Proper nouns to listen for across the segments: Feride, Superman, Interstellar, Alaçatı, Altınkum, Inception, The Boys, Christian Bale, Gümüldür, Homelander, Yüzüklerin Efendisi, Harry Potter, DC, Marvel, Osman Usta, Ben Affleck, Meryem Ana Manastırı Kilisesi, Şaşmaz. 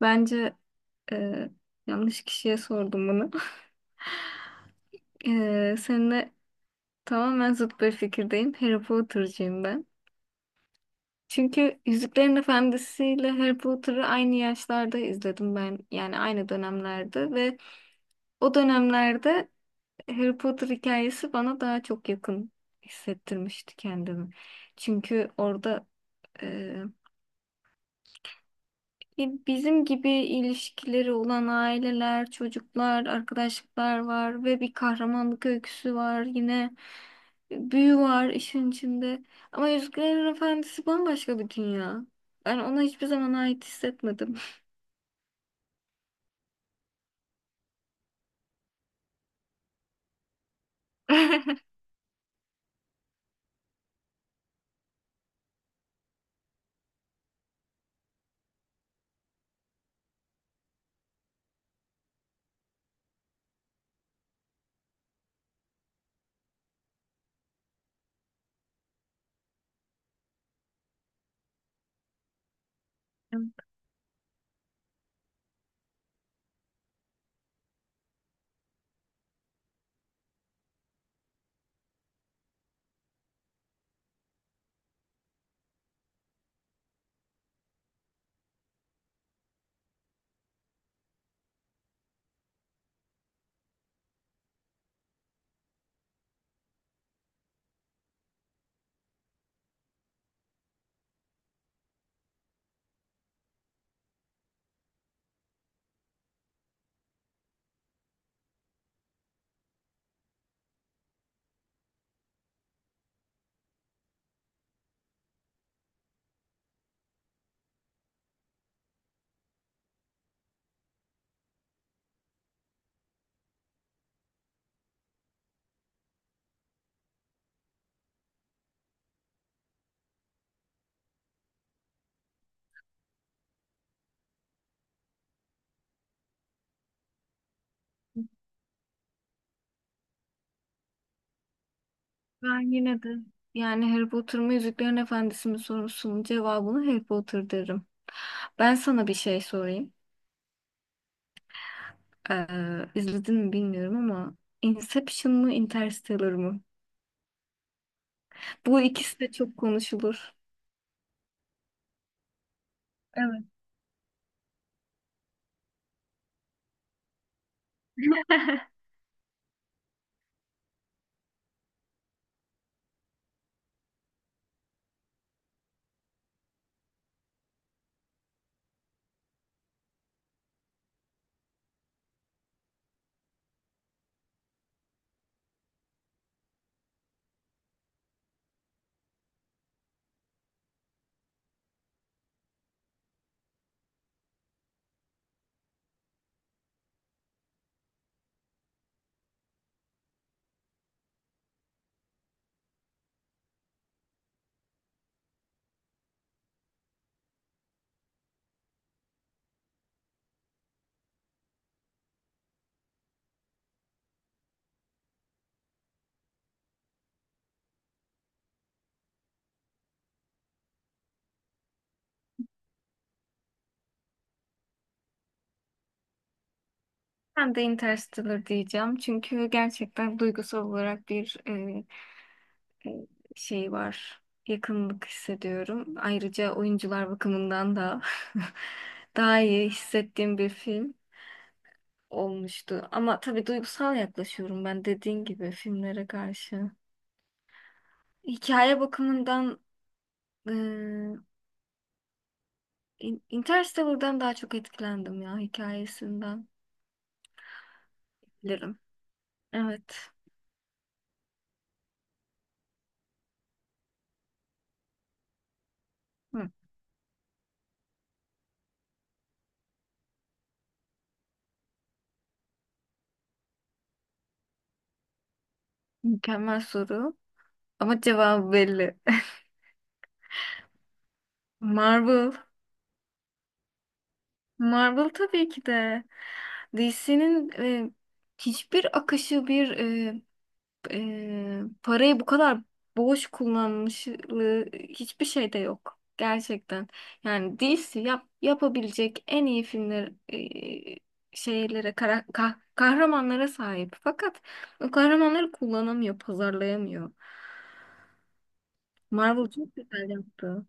Bence e, yanlış kişiye sordum bunu. Seninle tamamen zıt bir fikirdeyim. Harry Potter'cıyım ben. Çünkü Yüzüklerin Efendisi ile Harry Potter'ı aynı yaşlarda izledim ben. Yani aynı dönemlerde ve o dönemlerde Harry Potter hikayesi bana daha çok yakın hissettirmişti kendimi. Çünkü orada e, bizim gibi ilişkileri olan aileler, çocuklar, arkadaşlıklar var ve bir kahramanlık öyküsü var. Yine büyü var işin içinde. Ama Yüzüklerin Efendisi bambaşka bir dünya. Ben ona hiçbir zaman ait hissetmedim. Ben yine de yani Harry Potter mı Yüzüklerin Efendisi mi sorusunun cevabını Harry Potter derim. Ben sana bir şey sorayım. Ee, izledin mi bilmiyorum ama Inception mı Interstellar mı? Bu ikisi de çok konuşulur. Evet. Ben de Interstellar diyeceğim. Çünkü gerçekten duygusal olarak bir e, şey var. Yakınlık hissediyorum. Ayrıca oyuncular bakımından da daha iyi hissettiğim bir film olmuştu. Ama tabii duygusal yaklaşıyorum ben dediğin gibi filmlere karşı. Hikaye bakımından e, Interstellar'dan daha çok etkilendim ya hikayesinden bilirim. Evet. Hı. Mükemmel soru. Ama cevabı belli. Marvel. Marvel tabii ki de. DC'nin hiçbir akışı bir parayı bu kadar boş kullanmışlığı hiçbir şeyde yok. Gerçekten. Yani DC yap, yapabilecek en iyi filmler e, şeylere, kahramanlara sahip. Fakat o kahramanları kullanamıyor, pazarlayamıyor. Marvel çok güzel yaptı.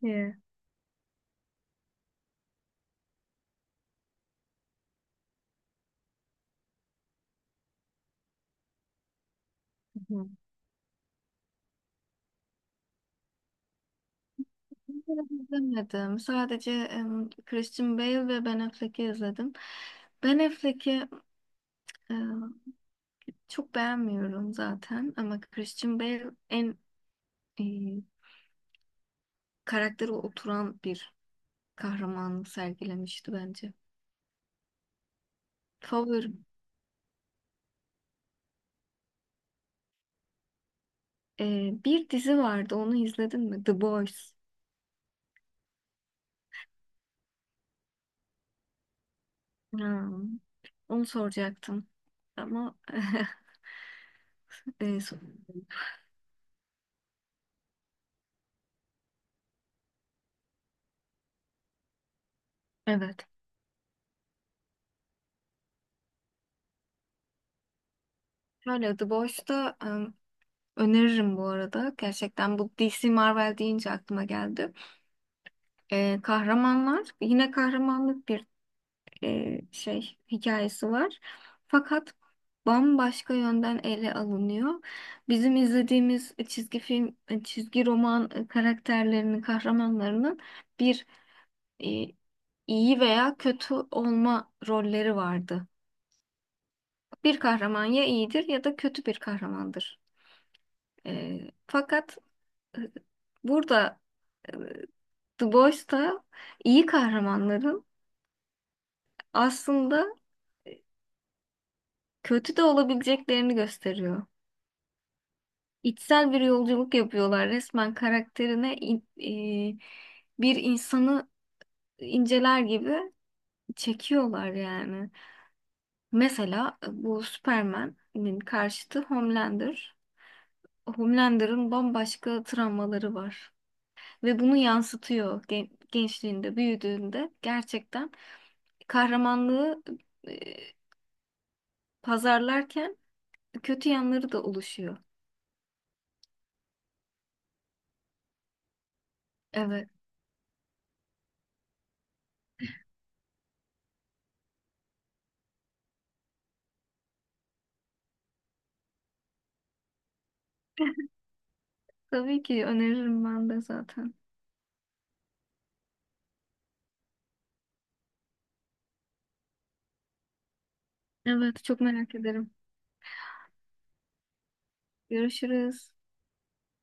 Yeah. İzlemedim. Sadece Christian Bale ve Ben Affleck'i izledim. Ben Affleck'i e, çok beğenmiyorum zaten ama Christian Bale en e, karakteri oturan bir kahramanı sergilemişti bence. Favorim. E, bir dizi vardı onu izledin mi? The Boys. Ha, onu soracaktım. Ama e, so- evet. Şöyle The Boys'ta öneririm bu arada. Gerçekten bu DC Marvel deyince aklıma geldi. Kahramanlar yine kahramanlık bir şey hikayesi var. Fakat bambaşka yönden ele alınıyor. Bizim izlediğimiz çizgi film, çizgi roman karakterlerinin, kahramanlarının bir e, iyi veya kötü olma rolleri vardı. Bir kahraman ya iyidir ya da kötü bir kahramandır. Fakat e, burada The Boys'ta iyi kahramanların aslında kötü de olabileceklerini gösteriyor. İçsel bir yolculuk yapıyorlar resmen karakterine bir insanı inceler gibi çekiyorlar yani. Mesela bu Superman'in karşıtı Homelander. Homelander'ın bambaşka travmaları var ve bunu yansıtıyor gençliğinde, büyüdüğünde gerçekten kahramanlığı e, pazarlarken kötü yanları da oluşuyor. Evet. Tabii ki öneririm ben de zaten. Evet, çok merak ederim. Görüşürüz.